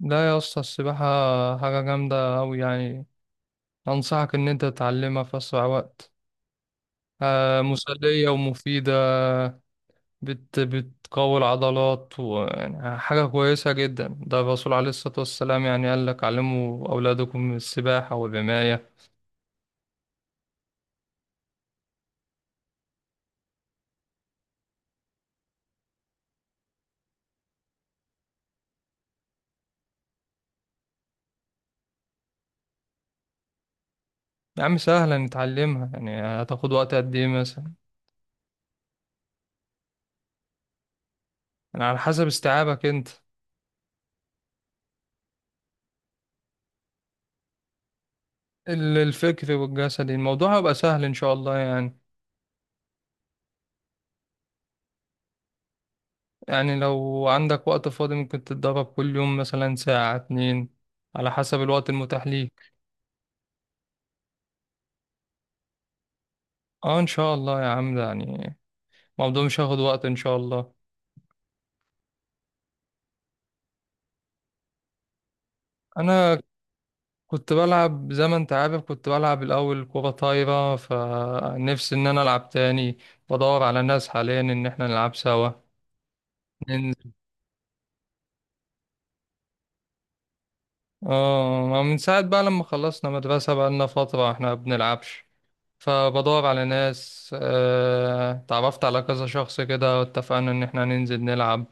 لا يا اسطى، السباحة حاجة جامدة أوي يعني. أنصحك إن أنت تتعلمها في أسرع وقت. مسلية ومفيدة. بتقوي العضلات ويعني حاجة كويسة جدا، ده الرسول عليه الصلاة والسلام يعني قال لك علموا أولادكم السباحة والرماية. يا عم سهلة نتعلمها، يعني هتاخد وقت قد إيه مثلا؟ يعني على حسب استيعابك أنت. الفكر والجسدي، الموضوع هيبقى سهل إن شاء الله يعني. يعني لو عندك وقت فاضي ممكن تتدرب كل يوم، مثلا ساعة اتنين، على حسب الوقت المتاح ليك. اه ان شاء الله يا عم، ده يعني الموضوع مش هياخد وقت ان شاء الله. انا كنت بلعب زي ما انت عارف، كنت بلعب الاول كرة طايرة، فنفسي ان انا العب تاني. بدور على ناس حاليا ان احنا نلعب سوا. ننزل. اه، من ساعة بقى لما خلصنا مدرسة بقى لنا فترة احنا ما بنلعبش. فبدور على ناس، تعرفت على كذا شخص كده، واتفقنا ان احنا ننزل نلعب،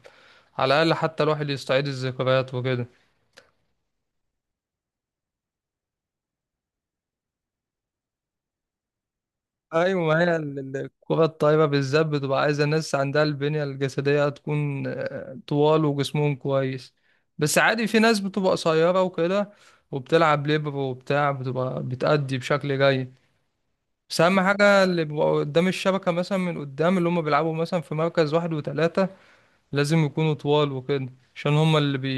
على الاقل حتى الواحد يستعيد الذكريات وكده. ايوه، ما هي الكرة الطايرة بالذات بتبقى عايزة ناس عندها البنية الجسدية تكون طوال وجسمهم كويس. بس عادي، في ناس بتبقى قصيرة وكده وبتلعب ليبر وبتاع، بتبقى بتأدي بشكل جيد. بس أهم حاجة اللي بيبقوا قدام الشبكة، مثلا من قدام، اللي هم بيلعبوا مثلا في مركز واحد وتلاتة، لازم يكونوا طوال وكده. عشان هما اللي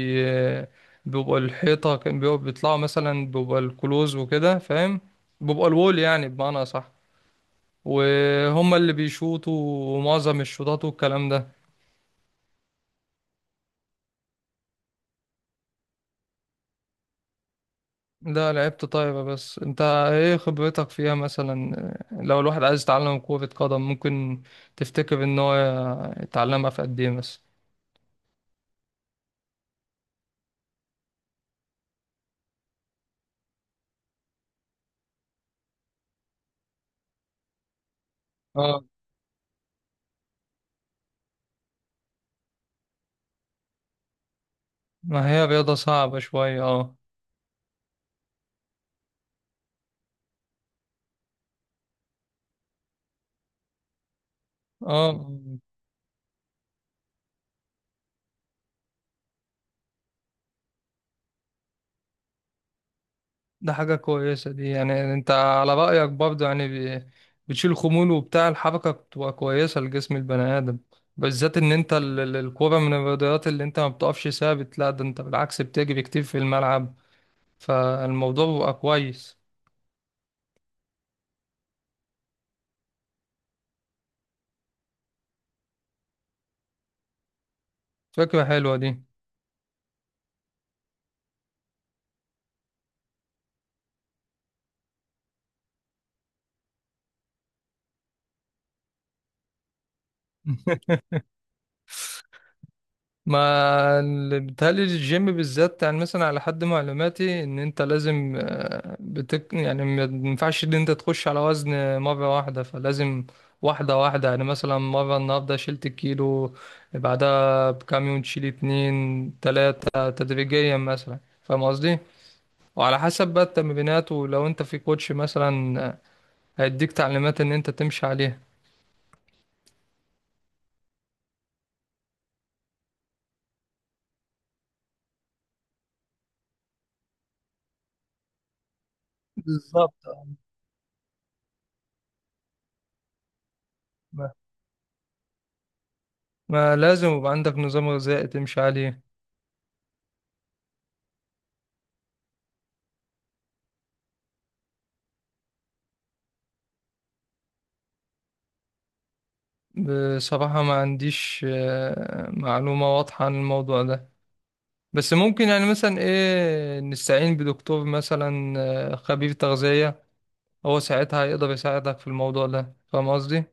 بيبقى الحيطة، كان بيطلعوا مثلا بيبقى الكلوز وكده، فاهم. بيبقى الوول، يعني بمعنى صح، وهما اللي بيشوطوا معظم الشوطات والكلام ده. لا لعبت طايرة بس، انت ايه خبرتك فيها مثلا؟ لو الواحد عايز يتعلم كرة قدم، ممكن تفتكر ان هو يتعلمها في قد ايه مثلا؟ اه، ما هي رياضة صعبة شوية اه. اه، ده حاجة كويسة دي، يعني انت على رأيك برضه يعني. ب- بتشيل خمول وبتاع، الحركة بتبقى كويسة لجسم البني آدم، بالذات ان انت الكورة من الرياضيات اللي انت ما بتقفش ثابت، لا ده انت بالعكس بتجري كتير في الملعب. فالموضوع بيبقى كويس. فكرة حلوة دي. ما بيتهيألي الجيم بالذات، يعني مثلا على حد معلوماتي ان انت لازم، بتك يعني ما ينفعش ان انت تخش على وزن مرة واحدة، فلازم واحدة واحدة، يعني مثلا مرة النهاردة شلت كيلو، بعدها بكام يوم تشيل اتنين تلاتة تدريجيا مثلا، فاهم قصدي؟ وعلى حسب بقى التمرينات، ولو انت في كوتش مثلا هيديك تعليمات ان انت تمشي عليها. بالظبط آه. ما ما لازم يبقى عندك نظام غذائي تمشي عليه. بصراحة ما عنديش معلومة واضحة عن الموضوع ده. بس ممكن يعني مثلا ايه، نستعين بدكتور مثلا، خبير تغذية. هو ساعتها هيقدر يساعدك في الموضوع ده، فاهم قصدي؟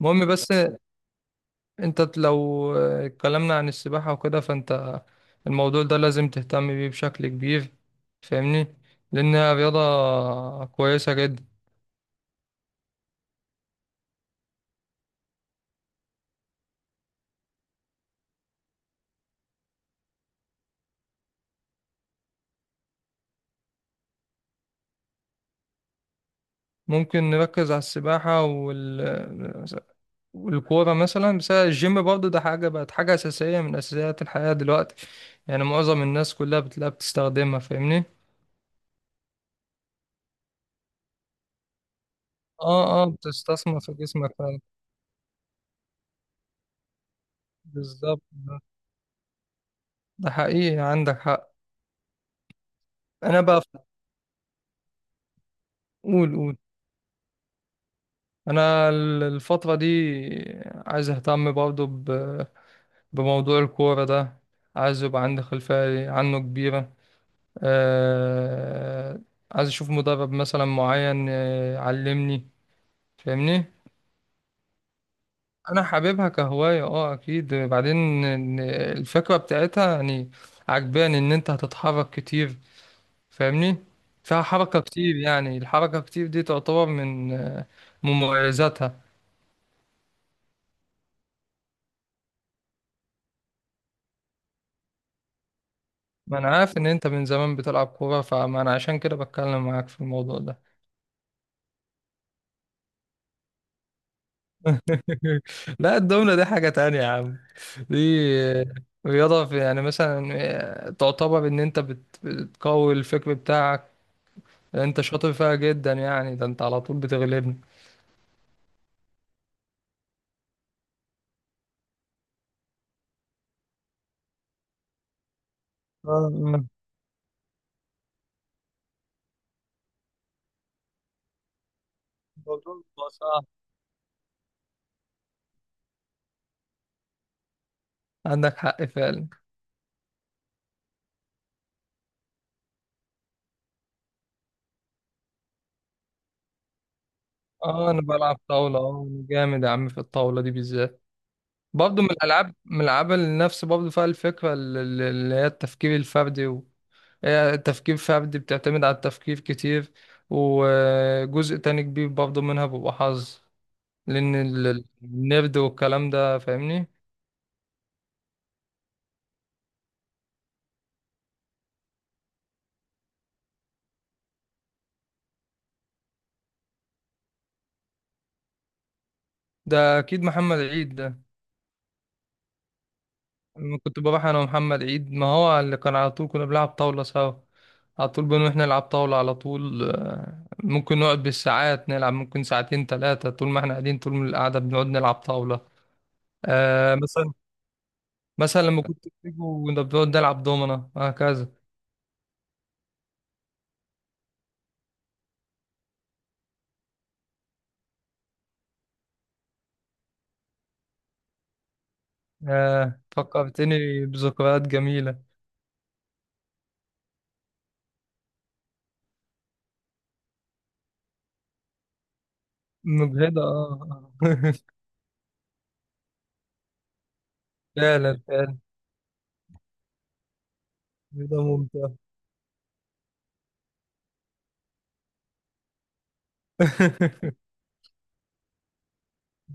المهم بس، انت لو اتكلمنا عن السباحة وكده فانت الموضوع ده لازم تهتم بيه بشكل كبير، فاهمني؟ لأنها رياضة كويسة جدا. ممكن نركز على السباحة والكورة مثلا، بس الجيم برضه ده حاجة، بقت حاجة أساسية من أساسيات الحياة دلوقتي. يعني معظم الناس كلها بتلاقيها بتستخدمها، فاهمني؟ اه، اه، بتستثمر في جسمك فعلا. بالظبط، ده حقيقي عندك حق. أنا بقى. قول قول. أنا الفترة دي عايز أهتم برضه بموضوع الكورة ده. عايز يبقى عندي خلفية عنه كبيرة. آه عايز أشوف مدرب مثلا معين يعلمني، فاهمني؟ انا حاببها كهواية اه اكيد، بعدين إن الفكرة بتاعتها يعني عجباني، ان انت هتتحرك كتير، فاهمني. فيها حركة كتير، يعني الحركة كتير دي تعتبر من، من مميزاتها. ما انا عارف ان انت من زمان بتلعب كورة، فما انا عشان كده بتكلم معاك في الموضوع ده. لا الدومنة دي حاجة تانية يا عم. دي آه، رياضة في يعني مثلا، تعتبر ان انت بتقوي الفكر بتاعك. انت شاطر فيها جدا، يعني ده انت على طول بتغلبني. إن الموضوع بيبقى صعب. عندك حق فعلا. اه انا بلعب طاولة، اه انا جامد يا عم في الطاولة دي بالذات. برضه من الالعاب اللي نفس برضه فيها الفكرة، اللي هي التفكير الفردي هي تفكير فردي، بتعتمد على التفكير كتير، وجزء تاني كبير برضه منها بيبقى حظ، لان النرد والكلام ده، فاهمني. ده اكيد محمد عيد ده. لما كنت بروح انا ومحمد عيد، ما هو اللي كان على طول كنا بنلعب طاولة سوا. على طول بنروح نلعب طاولة على طول، ممكن نقعد بالساعات نلعب، ممكن ساعتين ثلاثة، طول ما احنا قاعدين، طول من القعدة بنقعد نلعب طاولة. آه مثلا مثلا لما كنت بتيجوا كنا بنقعد نلعب دومنة وهكذا. فكرتني بذكريات جميلة. مجهدة اه. آه. فعلا فعلا. مجهدة ممتعة.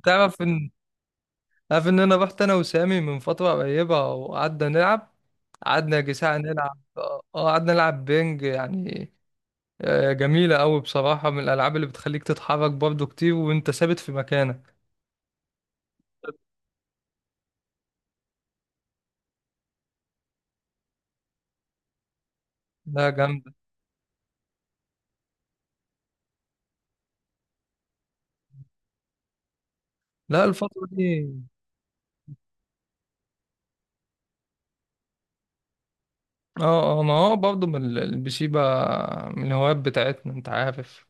تعرف ان عارف ان انا رحت انا وسامي من فتره قريبه وقعدنا نلعب، قعدنا يا جساعة نلعب، اه قعدنا نلعب بينج يعني. جميله قوي بصراحه، من الالعاب اللي بتخليك تتحرك برضو كتير وانت ثابت في مكانك. لا جامده. لا الفتره دي، اه اه ما هو برضو من البي سي بقى من الهوايات بتاعتنا، انت عارف.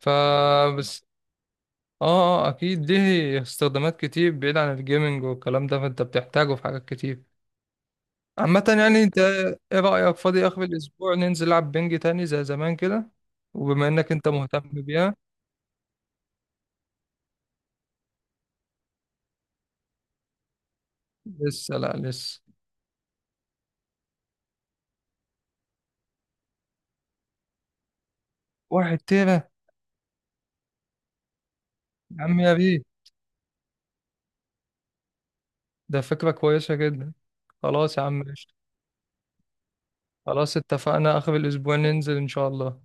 فبس. اه اه اكيد، ليه استخدامات كتير بعيد عن الجيمنج والكلام ده، فانت بتحتاجه في حاجات كتير عامة يعني. انت ايه رأيك فاضي اخر الاسبوع ننزل نلعب بنج تاني زي زمان كده، وبما انك انت مهتم بيها. لسه، لا لسه. 1 تيرة. يا عم يا بيه، ده فكرة كويسة جدا. خلاص يا عم قشطة. خلاص اتفقنا اخر الاسبوع ننزل ان شاء الله.